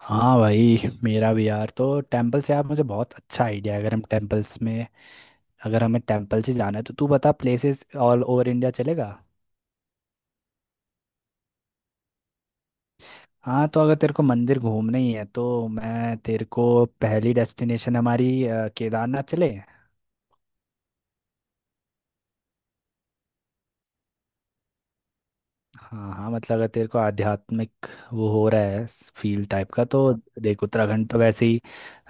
हाँ भाई, मेरा भी यार। तो टेम्पल से आप मुझे बहुत अच्छा आइडिया है। अगर हम टेम्पल्स में अगर हमें टेम्पल से जाना है तो तू बता, प्लेसेस ऑल ओवर इंडिया चलेगा। हाँ, तो अगर तेरे को मंदिर घूमना ही है तो मैं तेरे को पहली डेस्टिनेशन हमारी केदारनाथ चले। हाँ हाँ, मतलब अगर तेरे को आध्यात्मिक वो हो रहा है, फील टाइप का, तो देख, उत्तराखंड तो वैसे ही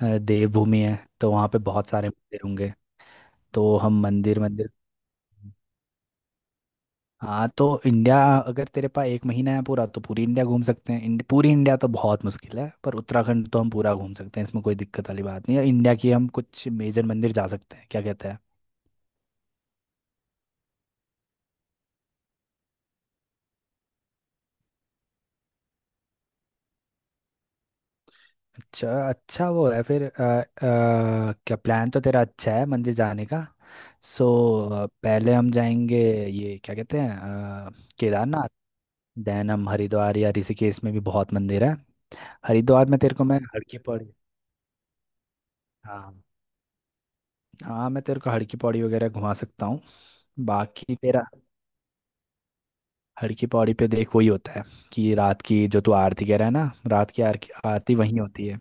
देवभूमि है, तो वहाँ पे बहुत सारे मंदिर होंगे, तो हम मंदिर मंदिर। हाँ, तो इंडिया अगर तेरे पास एक महीना है पूरा तो पूरी इंडिया घूम सकते हैं, पूरी इंडिया तो बहुत मुश्किल है, पर उत्तराखंड तो हम पूरा घूम सकते हैं, इसमें कोई दिक्कत वाली बात नहीं है। इंडिया की हम कुछ मेजर मंदिर जा सकते हैं, क्या कहते हैं। अच्छा अच्छा, वो है फिर क्या, प्लान तो तेरा अच्छा है मंदिर जाने का। सो पहले हम जाएंगे, ये क्या कहते हैं, अ, केदारनाथ। देन हम हरिद्वार या ऋषिकेश में भी बहुत मंदिर है। हरिद्वार में तेरे को मैं हर की पौड़ी, हाँ हाँ, मैं तेरे को हड़की पौड़ी वगैरह घुमा सकता हूँ, बाकी तेरा। हड़की पौड़ी पे देख वही होता है कि रात की जो तू आरती कह रहा है ना, रात की आरती आरती वहीं होती है।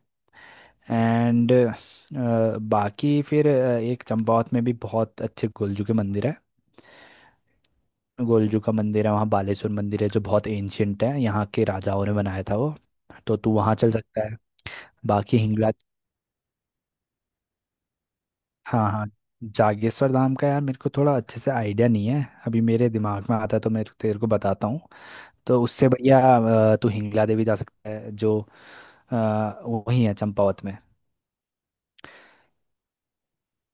एंड बाकी फिर एक चंपावत में भी बहुत अच्छे गोलजू के मंदिर है, गोलजू का मंदिर है। वहाँ बालेश्वर मंदिर है जो बहुत एंशियंट है, यहाँ के राजाओं ने बनाया था वो, तो तू वहाँ चल सकता है। बाकी हिंगला। हाँ हाँ, जागेश्वर धाम का यार मेरे को थोड़ा अच्छे से आइडिया नहीं है, अभी मेरे दिमाग में आता है तो मैं तेरे को बताता हूँ। तो उससे बढ़िया तू हिंगला देवी जा सकता है जो वहीं है चंपावत में।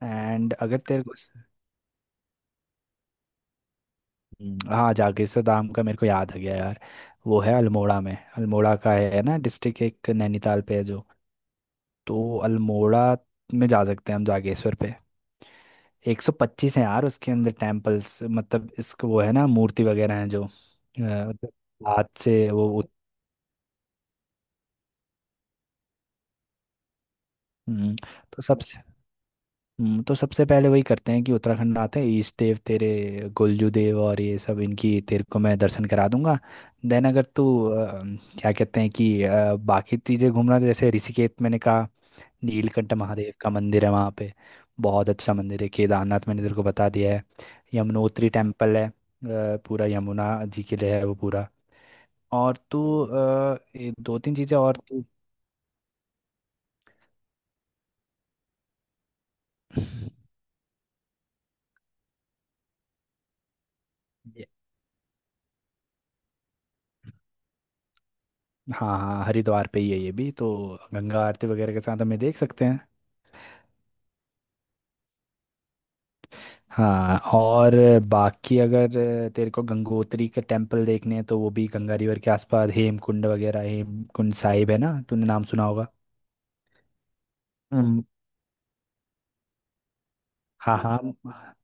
एंड अगर तेरे को हाँ, जागेश्वर धाम का मेरे को याद आ गया यार। वो है अल्मोड़ा में, अल्मोड़ा का है ना, डिस्ट्रिक्ट एक नैनीताल पे है जो। तो अल्मोड़ा में जा सकते हैं हम जागेश्वर पे, 125 हैं यार उसके अंदर टेम्पल्स, मतलब इसको वो है ना, मूर्ति वगैरह हैं जो मतलब हाथ से हम्म, तो सबसे तो सबसे पहले वही करते हैं कि उत्तराखंड आते हैं, ईष्ट देव तेरे, गोलजू देव और ये सब, इनकी तेरे को मैं दर्शन करा दूंगा। देन अगर तू क्या कहते हैं कि बाकी चीज़ें घूमना, जैसे ऋषिकेश मैंने कहा, नीलकंठ महादेव का मंदिर है वहाँ पे, बहुत अच्छा मंदिर है। केदारनाथ मैंने तेरे को बता दिया है। यमुनोत्री टेम्पल है पूरा यमुना जी के लिए है वो पूरा। और तू ये दो तीन चीज़ें और। तू, हाँ हाँ, हरिद्वार पे ही है ये भी तो, गंगा आरती वगैरह के साथ हमें देख सकते हैं। हाँ, और बाकी अगर तेरे को गंगोत्री के टेम्पल देखने हैं तो वो भी गंगा रिवर के आसपास, हेमकुंड वगैरह, हेमकुंड साहिब है ना, तूने नाम सुना होगा। हम्म, हाँ हाँ,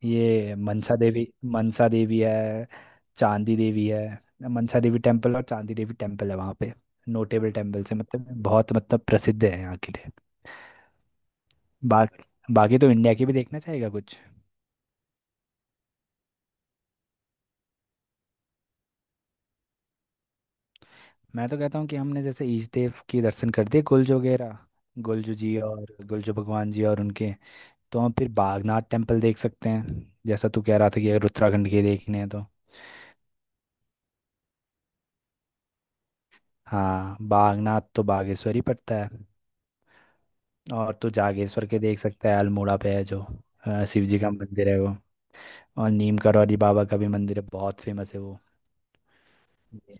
ये मनसा देवी, मनसा देवी है, चांदी देवी है। मनसा देवी टेम्पल और चांदी देवी टेम्पल है वहाँ पे, नोटेबल टेम्पल से मतलब बहुत, मतलब प्रसिद्ध है यहाँ के लिए। बाकी बाकी तो इंडिया की भी देखना चाहेगा कुछ। मैं तो कहता हूँ कि हमने जैसे ईश देव के दर्शन कर दिए, गुलजो वगैरह, गुलजू जी और गुलजू भगवान जी और उनके, तो हम फिर बागनाथ टेम्पल देख सकते हैं, जैसा तू कह रहा था कि अगर उत्तराखंड के देखने हैं तो। हाँ, बागनाथ तो बागेश्वर ही पड़ता है। और तो जागेश्वर के देख सकता है, अल्मोड़ा पे है जो, शिव जी का मंदिर है वो। और नीम करौली बाबा का भी मंदिर है, बहुत फेमस है वो। जी।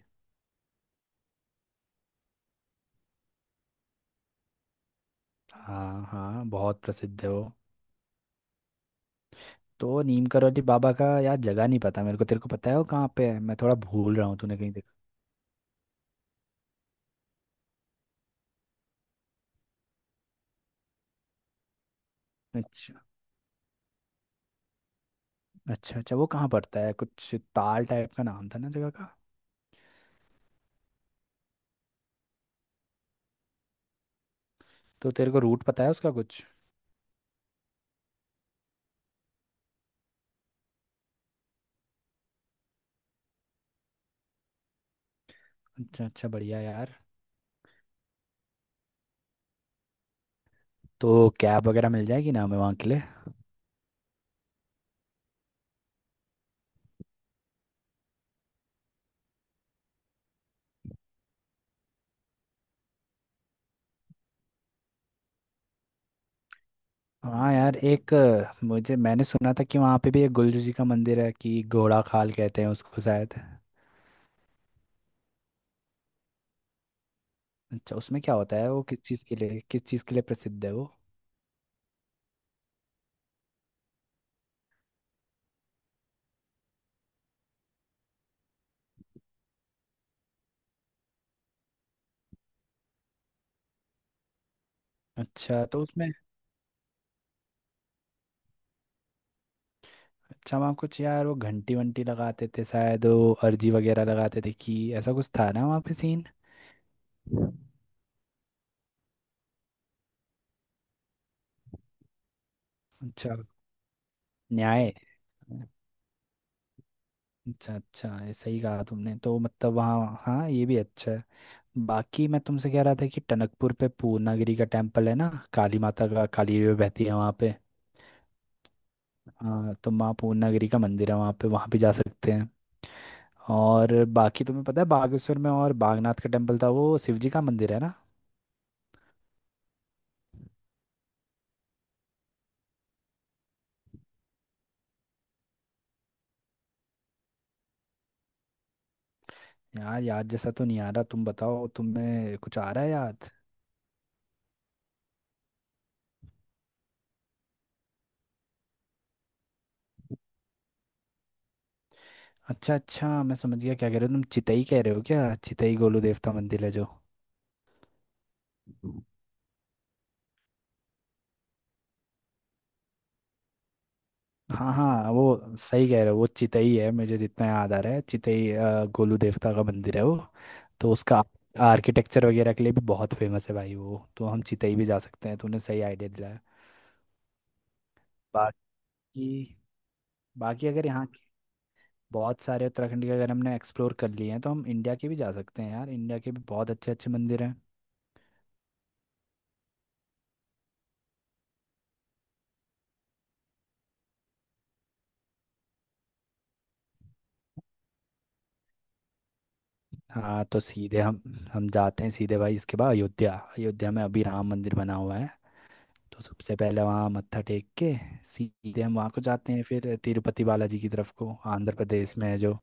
हाँ हाँ, बहुत प्रसिद्ध है वो। तो नीम करौली बाबा का यार जगह नहीं पता मेरे को, तेरे को पता है वो कहाँ पे है? मैं थोड़ा भूल रहा हूँ, तूने कहीं। अच्छा। अच्छा अच्छा, वो कहाँ पड़ता है, कुछ ताल टाइप का नाम था ना जगह का। तो तेरे को रूट पता है उसका कुछ? अच्छा अच्छा, बढ़िया यार। तो कैब वगैरह मिल जाएगी ना हमें वहाँ के लिए? हाँ यार, एक मुझे, मैंने सुना था कि वहाँ पे भी एक गुलजू जी का मंदिर है कि घोड़ा खाल कहते हैं उसको शायद। अच्छा, उसमें क्या होता है, वो किस चीज़ के लिए, प्रसिद्ध है वो। अच्छा, तो उसमें। अच्छा, वहाँ कुछ यार, वो घंटी वंटी लगाते थे शायद, वो अर्जी वगैरह लगाते थे कि, ऐसा कुछ था ना वहाँ पे सीन। अच्छा। न्याय। अच्छा अच्छा, ये सही कहा तुमने, तो मतलब वहाँ, हाँ, ये भी अच्छा है। बाकी मैं तुमसे कह रहा था कि टनकपुर पे पूर्णागिरी का टेम्पल है ना, काली माता का, काली रिवर बहती है वहाँ पे। हाँ तो माँ पूर्णागिरी का मंदिर है वहाँ पे, वहाँ भी जा सकते हैं। और बाकी तुम्हें पता है बागेश्वर में, और बागनाथ का टेम्पल था वो, शिव जी का मंदिर है ना। यार, याद जैसा तो नहीं आ रहा, तुम बताओ तुम्हें कुछ आ रहा है याद? अच्छा अच्छा, मैं समझ गया क्या कह रहे हो तुम, चितई कह रहे हो क्या, चितई गोलू देवता मंदिर है जो। हाँ हाँ, वो सही कह रहे हो, वो चितई है, मुझे जितना याद आ रहा है चितई गोलू देवता का मंदिर है वो। तो उसका आर्किटेक्चर वगैरह के लिए भी बहुत फेमस है भाई वो तो, हम चितई भी जा सकते हैं, तूने सही आइडिया दिलाया। बाकी बाकी अगर यहाँ के बहुत सारे उत्तराखंड के अगर हमने एक्सप्लोर कर लिए हैं तो हम इंडिया के भी जा सकते हैं यार, इंडिया के भी बहुत अच्छे अच्छे मंदिर हैं। हाँ, तो सीधे हम जाते हैं सीधे भाई, इसके बाद अयोध्या। अयोध्या में अभी राम मंदिर बना हुआ है, तो सबसे पहले वहाँ मत्था टेक के सीधे हम वहाँ को जाते हैं, फिर तिरुपति बालाजी की तरफ को, आंध्र प्रदेश में है जो।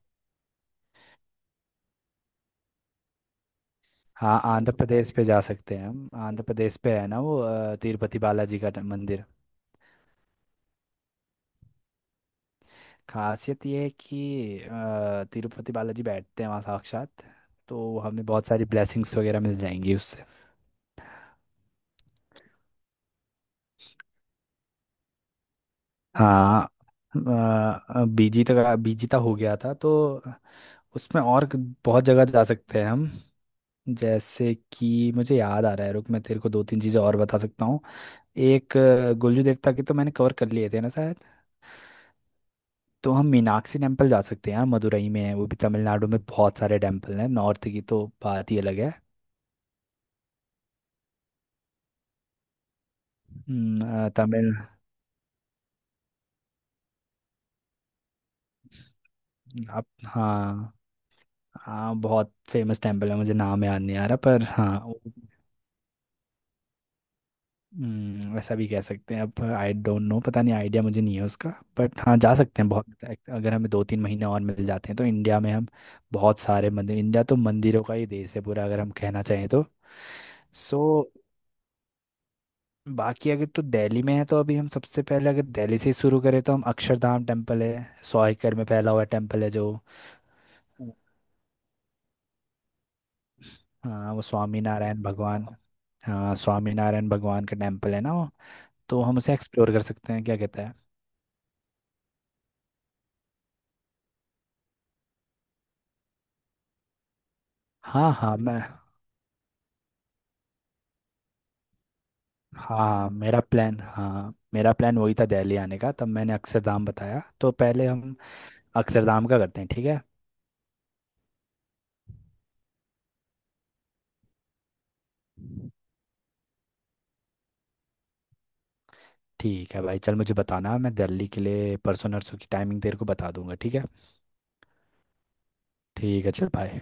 हाँ, आंध्र प्रदेश पे जा सकते हैं हम, आंध्र प्रदेश पे है ना वो तिरुपति बालाजी का मंदिर। खासियत ये है कि तिरुपति बालाजी बैठते हैं वहाँ साक्षात, तो हमें बहुत सारी ब्लेसिंग्स वगैरह मिल जाएंगी उससे। हाँ, बीजी तक हो गया था। तो उसमें और बहुत जगह जा सकते हैं हम। जैसे कि मुझे याद आ रहा है, रुक, मैं तेरे को दो तीन चीज़ें और बता सकता हूँ। एक गुलजू देवता के तो मैंने कवर कर लिए थे ना शायद। तो हम मीनाक्षी टेम्पल जा सकते हैं यार, मदुरई में है वो भी, तमिलनाडु में बहुत सारे टेम्पल हैं, नॉर्थ की तो बात ही अलग है। अ, तमिल अब, हाँ हाँ, बहुत फेमस टेम्पल है, मुझे नाम याद नहीं आ रहा पर हाँ। वैसा भी कह सकते हैं। अब आई डोंट नो, पता नहीं, आइडिया मुझे नहीं है उसका। बट हाँ, जा सकते हैं बहुत। Like, अगर हमें दो तीन महीने और मिल जाते हैं तो इंडिया में हम बहुत सारे मंदिर, इंडिया तो मंदिरों का ही देश है पूरा, अगर हम कहना चाहें तो। सो बाकी, अगर तो दिल्ली में है तो अभी, हम सबसे पहले अगर दिल्ली से ही शुरू करें, तो हम अक्षरधाम टेम्पल है, सौ एकड़ में फैला हुआ टेम्पल है जो। हाँ, वो स्वामी नारायण भगवान, हाँ स्वामी नारायण भगवान का टेम्पल है ना वो, तो हम उसे एक्सप्लोर कर सकते हैं, क्या कहता है। हाँ हाँ मैं, मेरा प्लान वही था दिल्ली आने का, तब मैंने अक्षरधाम बताया, तो पहले हम अक्षरधाम का करते हैं, ठीक है। ठीक है भाई चल, मुझे बताना, मैं दिल्ली के लिए परसों नरसों की टाइमिंग तेरे को बता दूंगा, ठीक है। ठीक है, चल भाई।